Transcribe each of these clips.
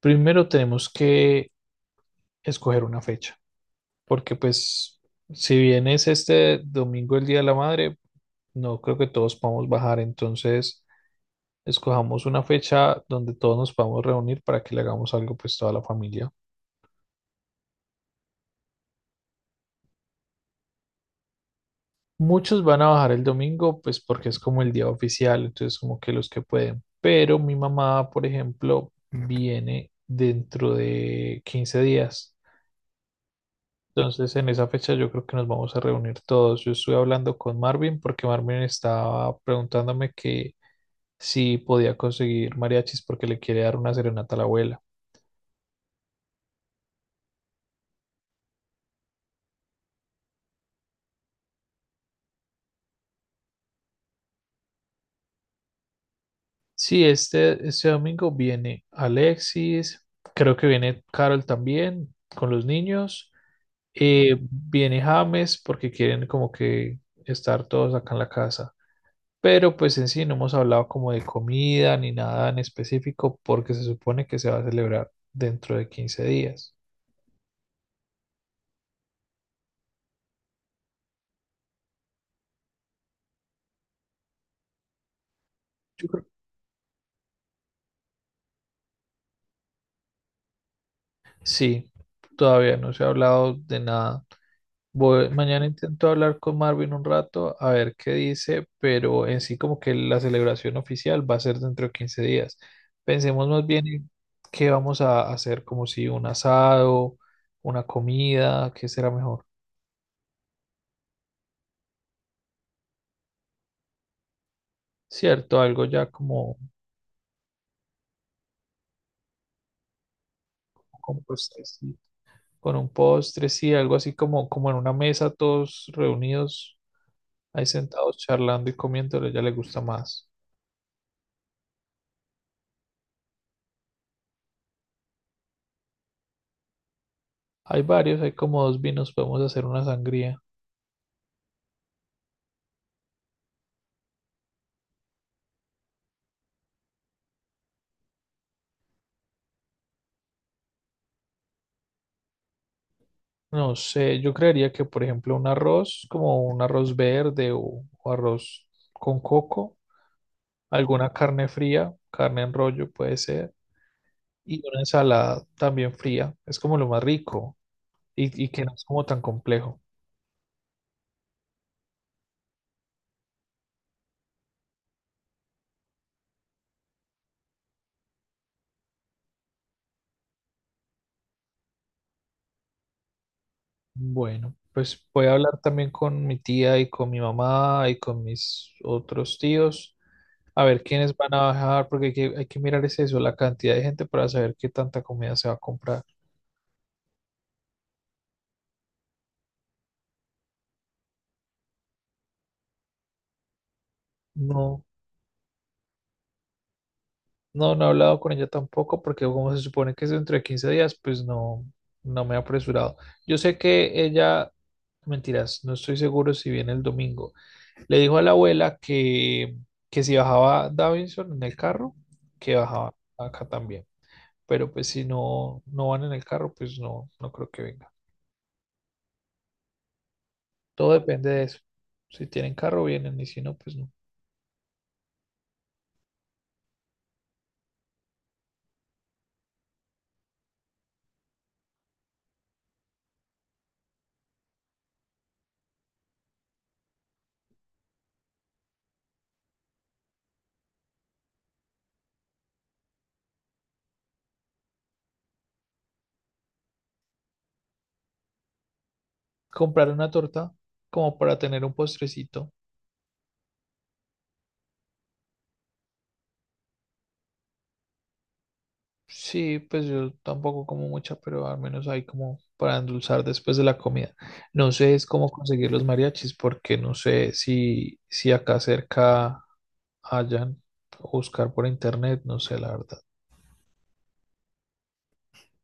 Primero tenemos que escoger una fecha, porque pues si bien es este domingo el Día de la Madre, no creo que todos podamos bajar, entonces escojamos una fecha donde todos nos podamos reunir para que le hagamos algo pues toda la familia. Muchos van a bajar el domingo pues porque es como el día oficial, entonces como que los que pueden, pero mi mamá, por ejemplo, viene dentro de 15 días. Entonces, en esa fecha yo creo que nos vamos a reunir todos. Yo estuve hablando con Marvin porque Marvin estaba preguntándome que si podía conseguir mariachis porque le quiere dar una serenata a la abuela. Sí, este domingo viene Alexis, creo que viene Carol también con los niños. Viene James porque quieren como que estar todos acá en la casa. Pero pues en sí no hemos hablado como de comida ni nada en específico porque se supone que se va a celebrar dentro de 15 días. Yo creo- que Sí, todavía no se ha hablado de nada. Mañana intento hablar con Marvin un rato a ver qué dice, pero en sí como que la celebración oficial va a ser dentro de 15 días. Pensemos más bien en qué vamos a hacer, como si un asado, una comida, qué será mejor. Cierto, algo ya como pues, sí. Con un postre, sí, algo así como en una mesa, todos reunidos, ahí sentados charlando y comiéndolo, ya le gusta más. Hay varios, hay como dos vinos, podemos hacer una sangría. No sé, yo creería que, por ejemplo, un arroz, como un arroz verde o arroz con coco, alguna carne fría, carne en rollo puede ser, y una ensalada también fría, es como lo más rico y que no es como tan complejo. Bueno, pues voy a hablar también con mi tía y con mi mamá y con mis otros tíos, a ver quiénes van a bajar, porque hay que mirar es eso, la cantidad de gente para saber qué tanta comida se va a comprar. No, no, no he hablado con ella tampoco, porque como se supone que es dentro de 15 días, pues no, no me he apresurado. Yo sé que ella, mentiras, no estoy seguro si viene el domingo. Le dijo a la abuela que si bajaba Davidson en el carro, que bajaba acá también. Pero pues si no, no van en el carro, pues no, no creo que venga. Todo depende de eso. Si tienen carro, vienen, y si no, pues no. Comprar una torta como para tener un postrecito. Sí, pues yo tampoco como mucha, pero al menos hay como para endulzar después de la comida. No sé es cómo conseguir los mariachis, porque no sé si acá cerca hayan, buscar por internet, no sé la verdad.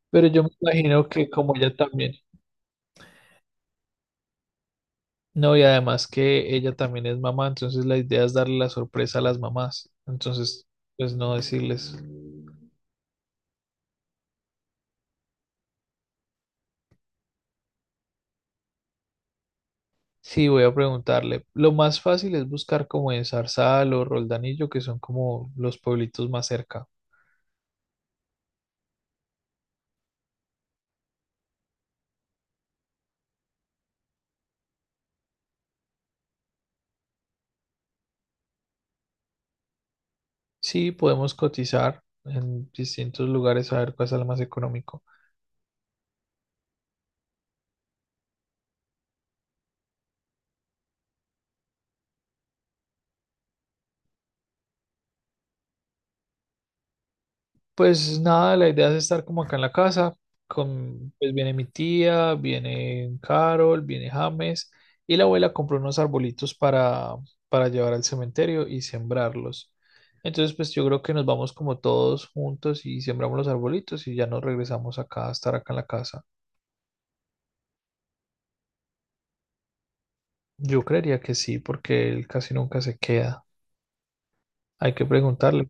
Pero yo me imagino que como ella también. No, y además que ella también es mamá, entonces la idea es darle la sorpresa a las mamás. Entonces, pues no decirles. Sí, voy a preguntarle. Lo más fácil es buscar como en Zarzal o Roldanillo, que son como los pueblitos más cerca. Sí, podemos cotizar en distintos lugares a ver cuál es el más económico. Pues nada, la idea es estar como acá en la casa, con, pues viene mi tía, viene Carol, viene James, y la abuela compró unos arbolitos para llevar al cementerio y sembrarlos. Entonces, pues yo creo que nos vamos como todos juntos y sembramos los arbolitos y ya nos regresamos acá a estar acá en la casa. Yo creería que sí, porque él casi nunca se queda. Hay que preguntarle.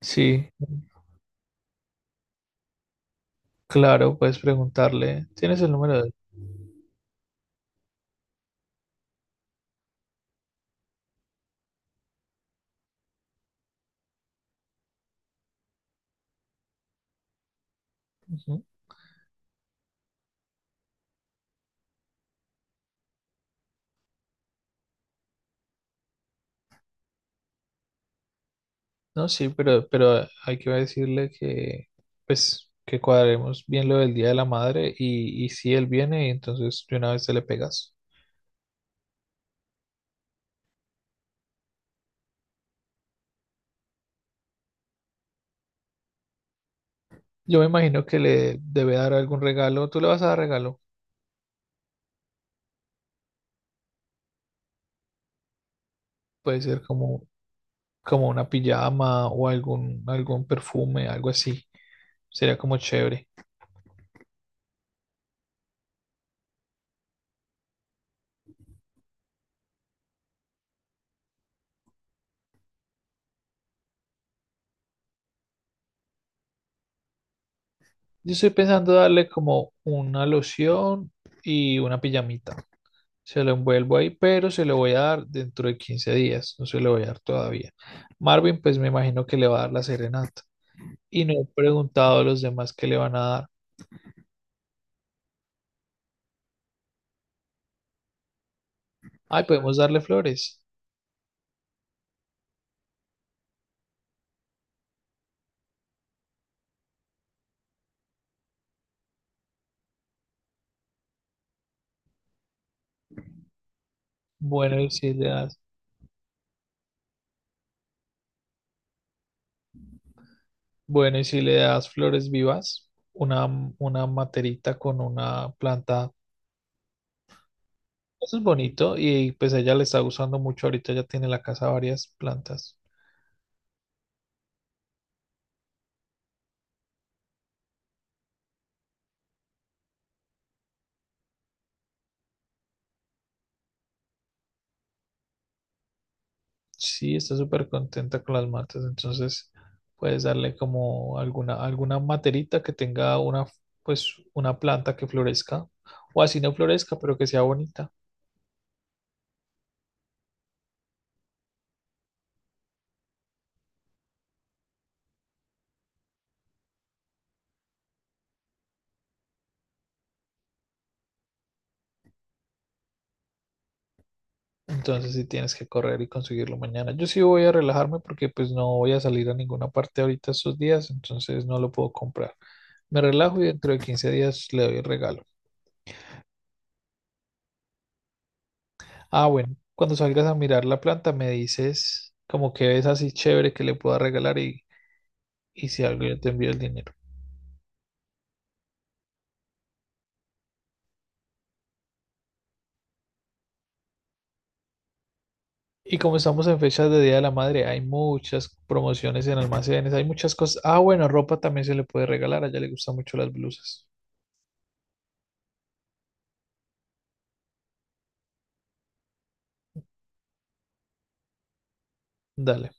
Sí, claro, puedes preguntarle. ¿Tienes el número de él? Ujú. No, sí, pero hay que decirle que, pues, que cuadremos bien lo del Día de la Madre y si él viene, entonces de una vez te le pegas. Yo me imagino que le debe dar algún regalo. ¿Tú le vas a dar regalo? Puede ser como una pijama o algún perfume, algo así. Sería como chévere. Yo estoy pensando darle como una loción y una pijamita. Se lo envuelvo ahí, pero se lo voy a dar dentro de 15 días, no se lo voy a dar todavía. Marvin, pues me imagino que le va a dar la serenata. Y no he preguntado a los demás qué le van a dar. Ay, podemos darle flores. Bueno, y si le das, bueno, y si le das flores vivas, una materita con una planta. Eso es bonito y pues a ella le está gustando mucho. Ahorita ya tiene en la casa varias plantas. Sí, está súper contenta con las matas, entonces puedes darle como alguna materita que tenga una planta que florezca, o así no florezca, pero que sea bonita. Entonces sí tienes que correr y conseguirlo mañana. Yo sí voy a relajarme porque pues no voy a salir a ninguna parte ahorita estos días, entonces no lo puedo comprar. Me relajo y dentro de 15 días le doy el regalo. Ah, bueno, cuando salgas a mirar la planta me dices como que ves así chévere que le pueda regalar y si algo yo te envío el dinero. Y como estamos en fechas de Día de la Madre, hay muchas promociones en almacenes, hay muchas cosas. Ah, bueno, ropa también se le puede regalar, a ella le gustan mucho las blusas. Dale.